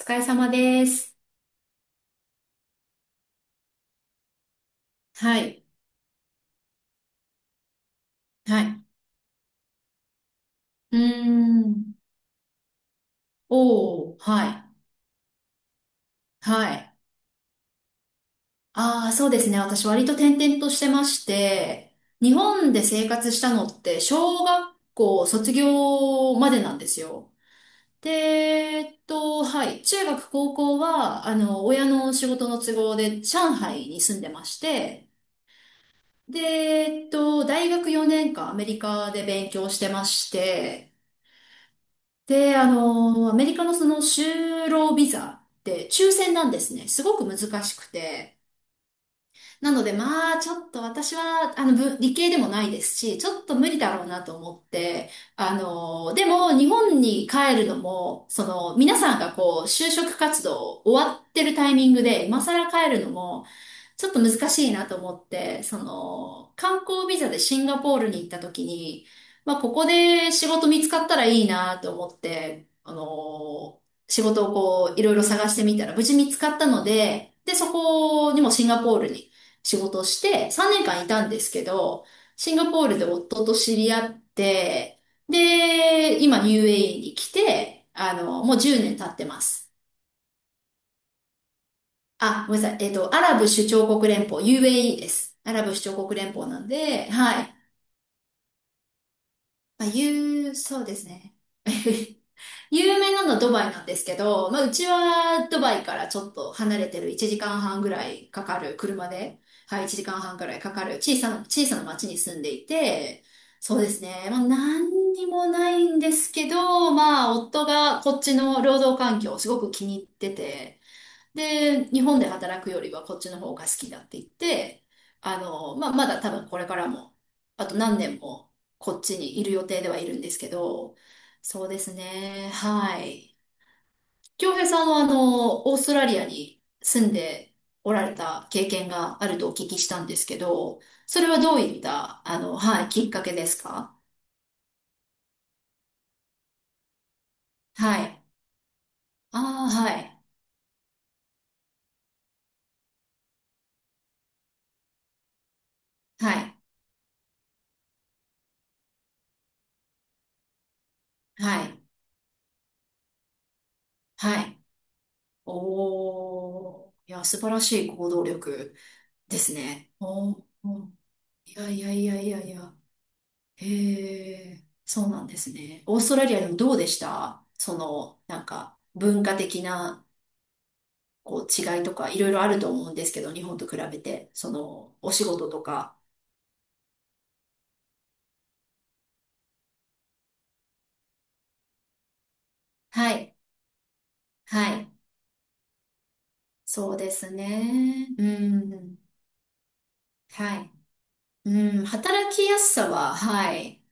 お疲れ様です。はい。はい。うーん。おー。はい。はい。ああ、そうですね。私割と転々としてまして、日本で生活したのって小学校卒業までなんですよ。で、はい。中学、高校は、親の仕事の都合で上海に住んでまして、で、大学4年間アメリカで勉強してまして、で、アメリカのその就労ビザって抽選なんですね。すごく難しくて。なので、まあ、ちょっと私は、理系でもないですし、ちょっと無理だろうなと思って、でも、日本に帰るのも、その、皆さんがこう、就職活動終わってるタイミングで、今更帰るのも、ちょっと難しいなと思って、その、観光ビザでシンガポールに行った時に、まあ、ここで仕事見つかったらいいなと思って、仕事をこう、いろいろ探してみたら、無事見つかったので、で、そこにもシンガポールに仕事をして3年間いたんですけど、シンガポールで夫と知り合って、で、今 UAE に来て、もう10年経ってます。あ、ごめんなさい。アラブ首長国連邦、UAE です。アラブ首長国連邦なんで、はい。まあ、そうですね。有名なのはドバイなんですけど、まあ、うちはドバイからちょっと離れてる1時間半ぐらいかかる車で、はい、1時間半ぐらいかかる小さな、小さな町に住んでいて、そうですね、まあ、何にもないんですけど、まあ、夫がこっちの労働環境をすごく気に入ってて、で、日本で働くよりはこっちの方が好きだって言って、まあ、まだ多分これからも、あと何年もこっちにいる予定ではいるんですけど、そうですね。はい。京平さんはオーストラリアに住んでおられた経験があるとお聞きしたんですけど、それはどういった、はい、きっかけですか？はい。ああ、はい。はい。はい。はい。おー。いや、素晴らしい行動力ですね。おーおー、いやいやいやいやいや。へえ、そうなんですね。オーストラリアでもどうでしたその、なんか、文化的な、こう、違いとか、いろいろあると思うんですけど、日本と比べて、その、お仕事とか。はい、はい。そうですね。うん、はい。うん、働きやすさは、はい。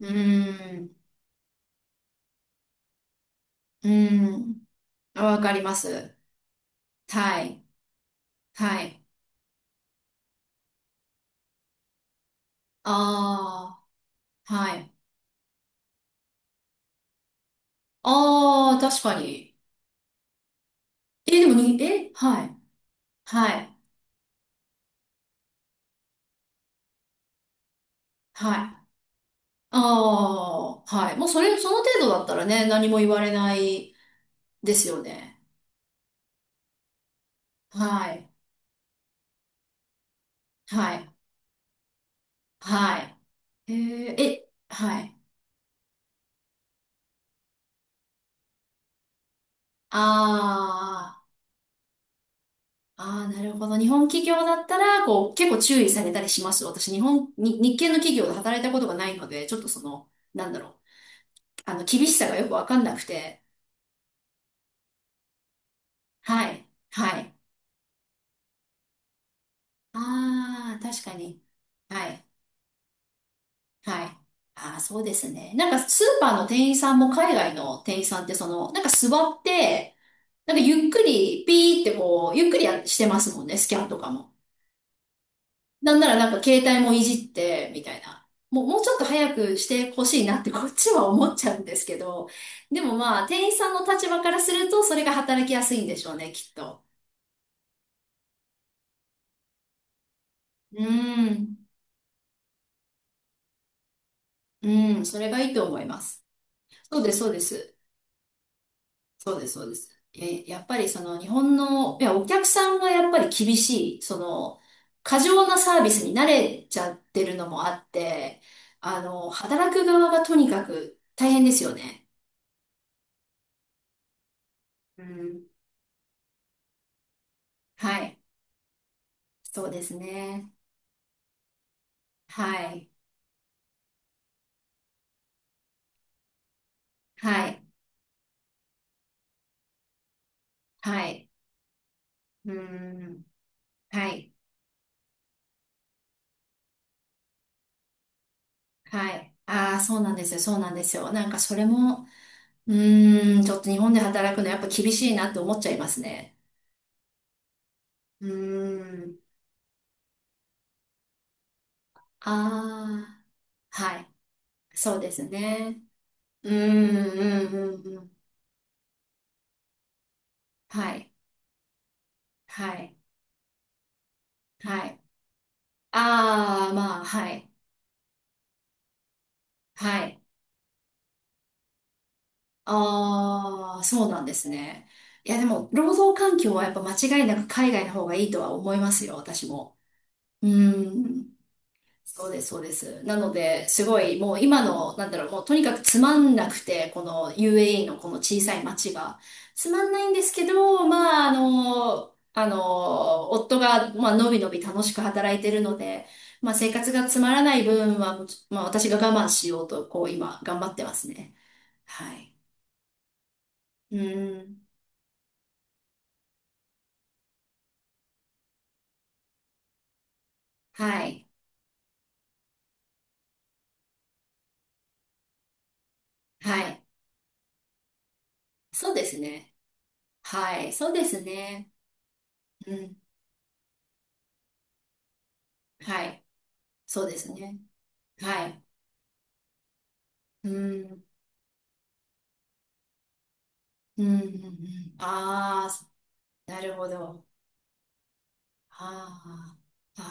うん、うん、わかります。はい、はい。ああ、はい。ああ、確かに。え、でもに、え、はい、はい、はい。ああ、はい。もうそれ、その程度だったらね、何も言われないですよね。はい、はい、はい。えーえ、はい。ああ、ああ、なるほど。日本企業だったら、こう、結構注意されたりします私、日本、に、日系の企業で働いたことがないので、ちょっとその、なんだろう。厳しさがよくわかんなくて。はい、はい。ああ、確かに。はい。はい。ああ、そうですね。なんかスーパーの店員さんも海外の店員さんってその、なんか座って、なんかゆっくりピーってこう、ゆっくりやしてますもんね、スキャンとかも。なんならなんか携帯もいじって、みたいな。もうちょっと早くしてほしいなってこっちは思っちゃうんですけど、でもまあ、店員さんの立場からするとそれが働きやすいんでしょうね、きっと。うん、うん、それがいいと思います。そうです、そうです。そうです、そうです。え、やっぱりその日本の、いや、お客さんがやっぱり厳しい、その、過剰なサービスに慣れちゃってるのもあって、働く側がとにかく大変ですよね。うん。はい。そうですね。はい。はい。はい。うん。はい。はい。ああ、そうなんですよ。そうなんですよ。なんかそれも、うーん、ちょっと日本で働くのやっぱ厳しいなって思っちゃいますね。うーん。ああ、はい。そうですね。うーん、うん、うん、うん。はい、はい、はい。ああ、まあ、はい、はい。ああ、そうなんですね。いや、でも、労働環境はやっぱ間違いなく海外の方がいいとは思いますよ、私も。うーん。そうです、そうです。なので、すごい、もう今の、なんだろう、もうとにかくつまんなくて、この UAE のこの小さい町が。つまんないんですけど、まあ、夫が、まあ、のびのび楽しく働いてるので、まあ、生活がつまらない分は、まあ、私が我慢しようと、こう、今、頑張ってますね。はい。うーん。はい。はい。そうですね。はい。そうですね。うん。はい。そうですね。はい。うん。うんうんうん。ああ、なるほど。ああ、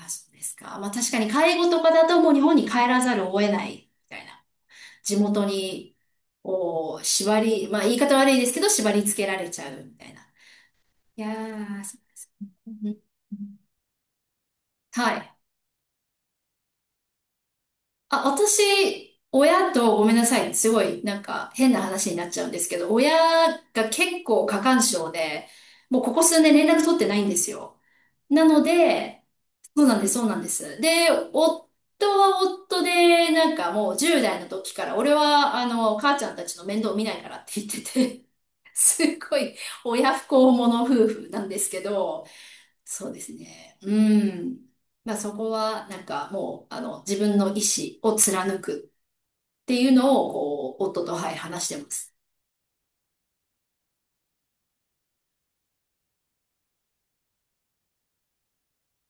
ああ、そうですか。まあ確かに介護とかだともう日本に帰らざるを得ないみたいな。地元に、こう、縛り、まあ言い方悪いですけど、縛り付けられちゃうみたいな。いやー、そう。うんうんはい。あ、私、親とごめんなさい。すごい、なんか変な話になっちゃうんですけど、親が結構過干渉で、もうここ数年連絡取ってないんですよ。なので、そうなんです、そうなんです。で、夫は夫で、なんかもう10代の時から、俺は、母ちゃんたちの面倒見ないからって言ってて、すっごい親不孝者夫婦なんですけど、そうですね。うん。まあそこは、なんかもう、自分の意思を貫くっていうのを、こう、夫と、はい、話してます。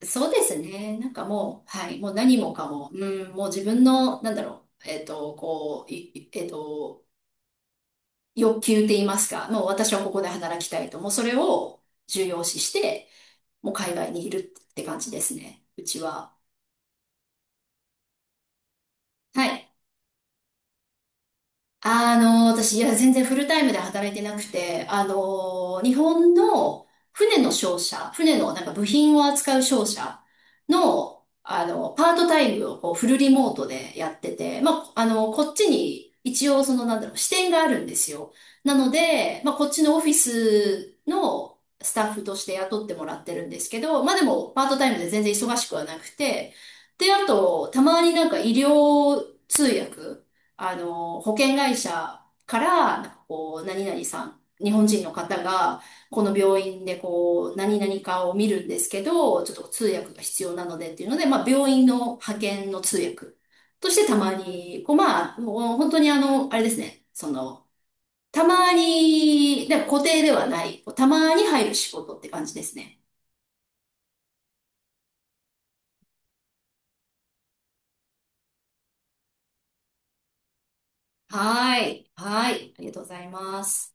そうですね。なんかもう、はい、もう何もかも、うん、もう自分の、なんだろう、こう、いい欲求って言いますか、もう私はここで働きたいと、もうそれを重要視して、もう海外にいるって感じですね、うちは。はい。私、いや、全然フルタイムで働いてなくて、日本の船の商社、船のなんか部品を扱う商社の、パートタイムをこうフルリモートでやってて、まあ、こっちに一応その、なんだろう、支店があるんですよ。なので、まあ、こっちのオフィスのスタッフとして雇ってもらってるんですけど、まあ、でも、パートタイムで全然忙しくはなくて、で、あと、たまになんか医療通訳、保険会社から、なんかこう、何々さん、日本人の方が、この病院でこう、何々かを見るんですけど、ちょっと通訳が必要なのでっていうので、まあ、病院の派遣の通訳としてたまに、こう、まあ、もう本当にあれですね、その、たまに、で固定ではない、こうたまに入る仕事って感じですね。はーい。はーい。ありがとうございます。